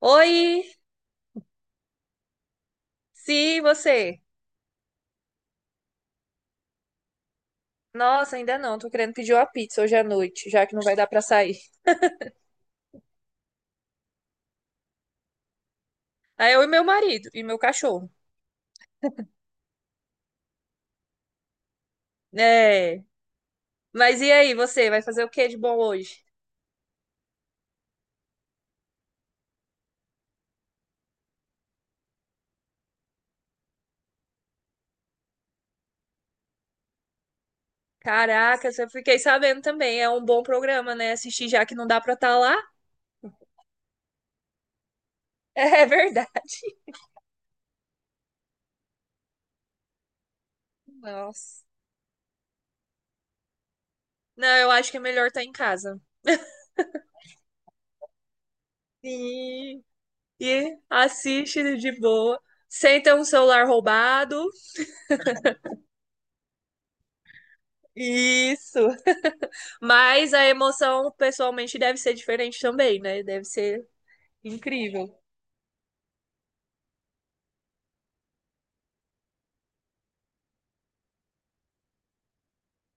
Oi, sim, você. Nossa, ainda não, tô querendo pedir uma pizza hoje à noite, já que não vai dar pra sair. Aí eu e meu marido e meu cachorro. É. Mas e aí, você vai fazer o que de bom hoje? Caraca, eu fiquei sabendo também, é um bom programa, né? Assistir já que não dá pra estar lá. É verdade. Nossa. Não, eu acho que é melhor estar em casa. Sim. E assiste de boa. Sem ter um celular roubado. Isso. Mas a emoção, pessoalmente, deve ser diferente também, né? Deve ser incrível.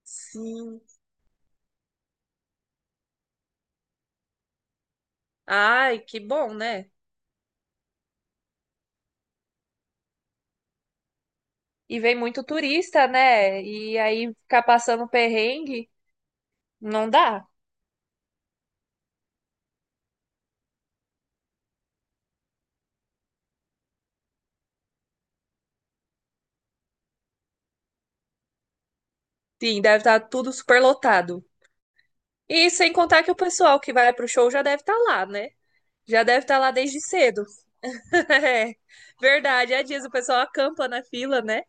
Sim. Ai, que bom, né? E vem muito turista, né? E aí ficar passando perrengue, não dá. Sim, deve estar tudo super lotado. E sem contar que o pessoal que vai pro show já deve estar lá, né? Já deve estar lá desde cedo. É, verdade, é disso. O pessoal acampa na fila, né?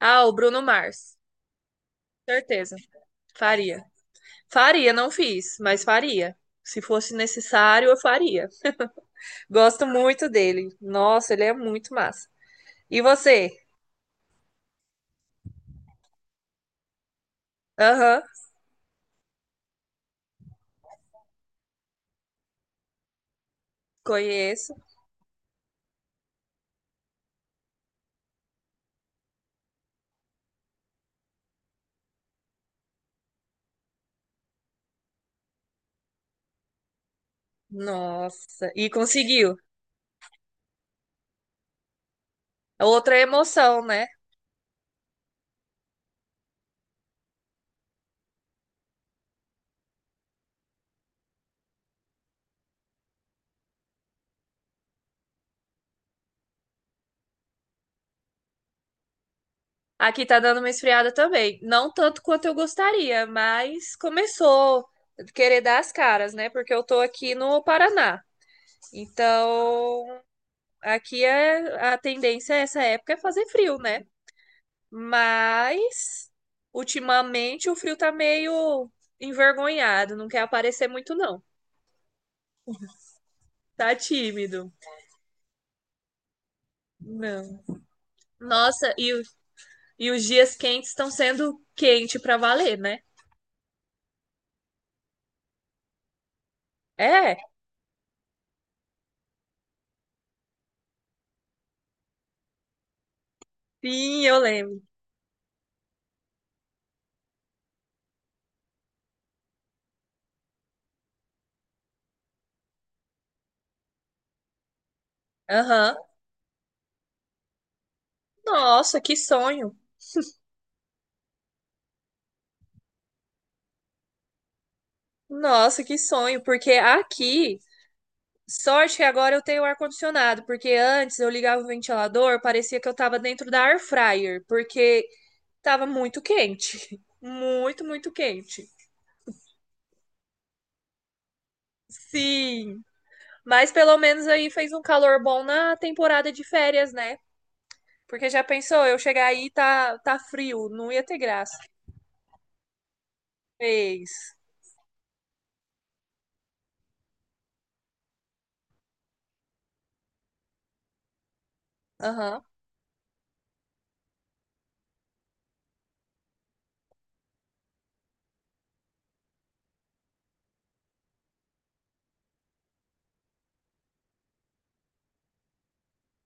Ah, o Bruno Mars. Certeza. Faria. Faria, não fiz, mas faria. Se fosse necessário, eu faria. Gosto muito dele. Nossa, ele é muito massa. E você? Aham, conheço. Nossa, e conseguiu. Outra emoção, né? Aqui tá dando uma esfriada também. Não tanto quanto eu gostaria, mas começou a querer dar as caras, né? Porque eu tô aqui no Paraná. Então, aqui é a tendência essa época é fazer frio, né? Mas ultimamente o Frio tá meio envergonhado, não quer aparecer muito, não. Tá tímido. Não. Nossa, e os dias quentes estão sendo quente pra valer, né? É, sim, eu lembro. Aham. Nossa, que sonho. Nossa, que sonho, porque aqui, sorte que agora eu tenho ar-condicionado, porque antes eu ligava o ventilador, parecia que eu tava dentro da air fryer, porque tava muito quente. Muito, muito quente. Sim, mas pelo menos aí fez um calor bom na temporada de férias, né? Porque já pensou, eu chegar aí e tá, tá frio, não ia ter graça. Fez. Aham.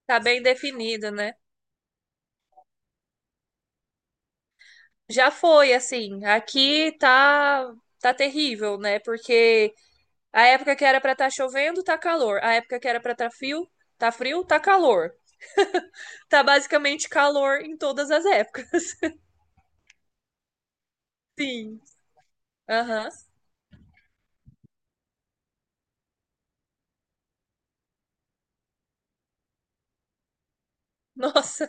Tá bem definido, né? Já foi, assim, aqui tá terrível, né? Porque a época que era pra tá chovendo, tá calor. A época que era pra tá frio, tá frio, tá calor. Tá basicamente calor em todas as épocas. Sim. Aham. Nossa,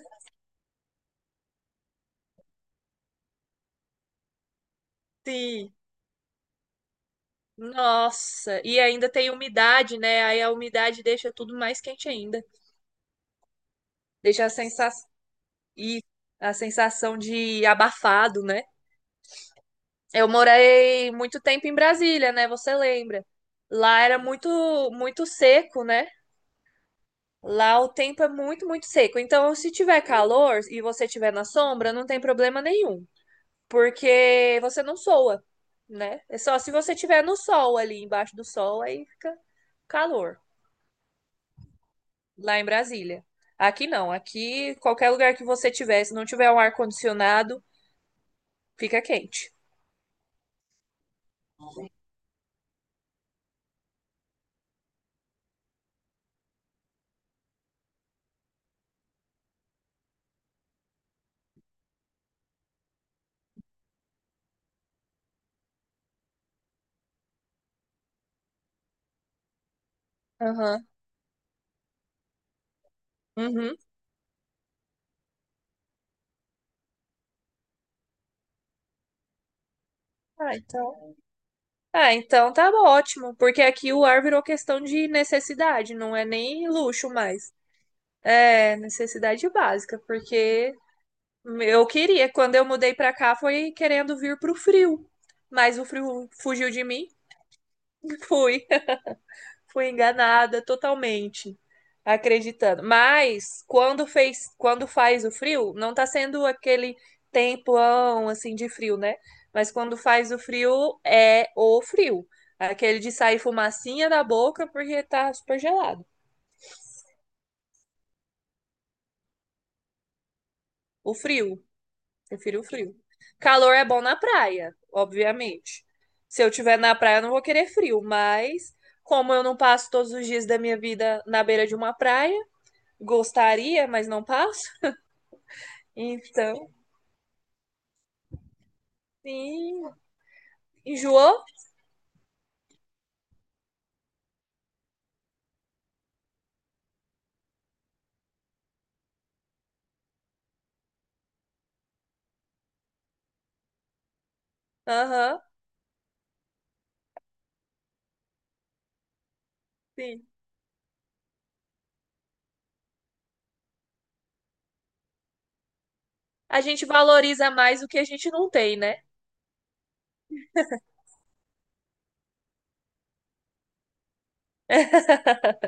sim. Nossa, e ainda tem umidade, né? Aí a umidade deixa tudo mais quente ainda. Deixa a sensação e a sensação de abafado, né? Eu morei muito tempo em Brasília, né? Você lembra? Lá era muito muito seco, né? Lá o tempo é muito, muito seco. Então, se tiver calor e você estiver na sombra, não tem problema nenhum, porque você não soa, né? É só se você estiver no sol ali, embaixo do sol, aí fica calor. Lá em Brasília. Aqui não, aqui qualquer lugar que você tiver, se não tiver um ar-condicionado, fica quente. Aham. Uhum. Ah, então. Ah, então tá ótimo, porque aqui o ar virou questão de necessidade, não é nem luxo mais. É necessidade básica, porque eu queria, quando eu mudei pra cá, foi querendo vir pro frio, mas o frio fugiu de mim, fui. Fui enganada totalmente, acreditando. Mas quando fez, quando faz o frio, não tá sendo aquele tempão assim de frio, né? Mas quando faz o frio é o frio, aquele de sair fumacinha da boca porque tá super gelado. O frio, prefiro o frio. Calor é bom na praia, obviamente. Se eu tiver na praia, eu não vou querer frio, mas como eu não passo todos os dias da minha vida na beira de uma praia, gostaria, mas não passo. Então, sim. Enjoou? Aham, sim. A gente valoriza mais o que a gente não tem, né?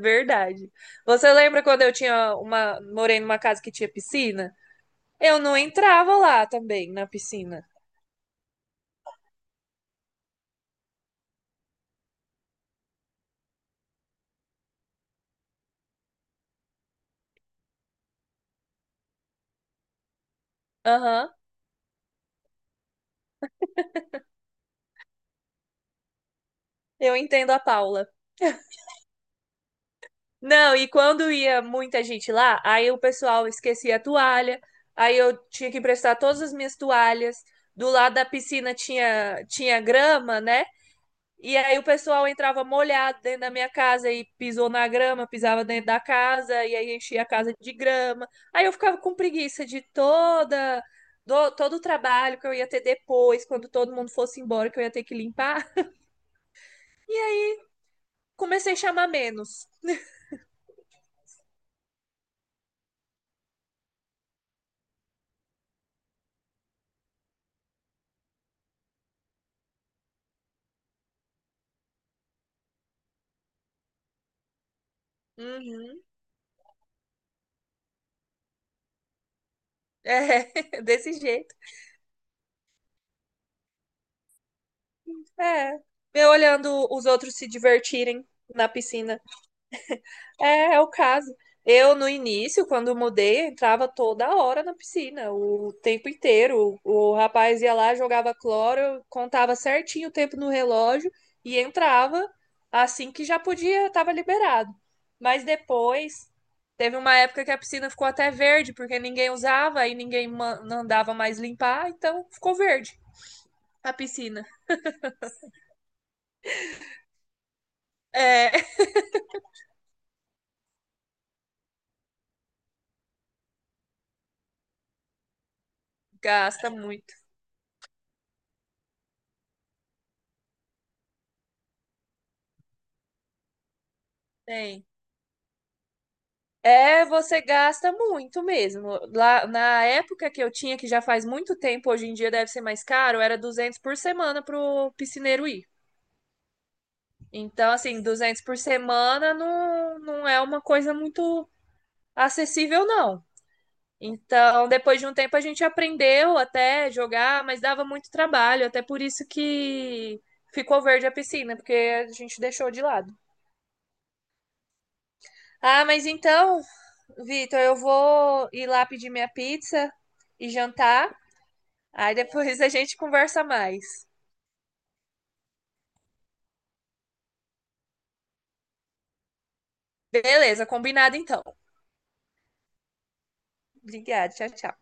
Verdade. Você lembra quando eu tinha uma, morei numa casa que tinha piscina? Eu não entrava lá também na piscina. Aham, eu entendo a Paula. Não, e quando ia muita gente lá, aí o pessoal esquecia a toalha, aí eu tinha que emprestar todas as minhas toalhas. Do lado da piscina tinha, tinha grama, né? E aí o pessoal entrava molhado dentro da minha casa e pisou na grama, pisava dentro da casa e aí enchia a casa de grama. Aí eu ficava com preguiça de todo o trabalho que eu ia ter depois, quando todo mundo fosse embora, que eu ia ter que limpar. Comecei a chamar menos. Uhum. É, desse jeito. É. Eu olhando os outros se divertirem na piscina. É, é o caso. Eu, no início, quando mudei, entrava toda hora na piscina, o tempo inteiro. O rapaz ia lá, jogava cloro, contava certinho o tempo no relógio e entrava assim que já podia, estava liberado. Mas depois, teve uma época que a piscina ficou até verde, porque ninguém usava e ninguém mandava mais limpar, então ficou verde a piscina. É, gasta muito. Tem. É, você gasta muito mesmo. Lá na época que eu tinha, que já faz muito tempo, hoje em dia deve ser mais caro, era 200 por semana pro piscineiro ir. Então, assim, 200 por semana não, não é uma coisa muito acessível, não. Então, depois de um tempo a gente aprendeu até jogar, mas dava muito trabalho, até por isso que ficou verde a piscina, porque a gente deixou de lado. Ah, mas então, Vitor, eu vou ir lá pedir minha pizza e jantar. Aí depois a gente conversa mais. Beleza, combinado então. Obrigada, tchau, tchau.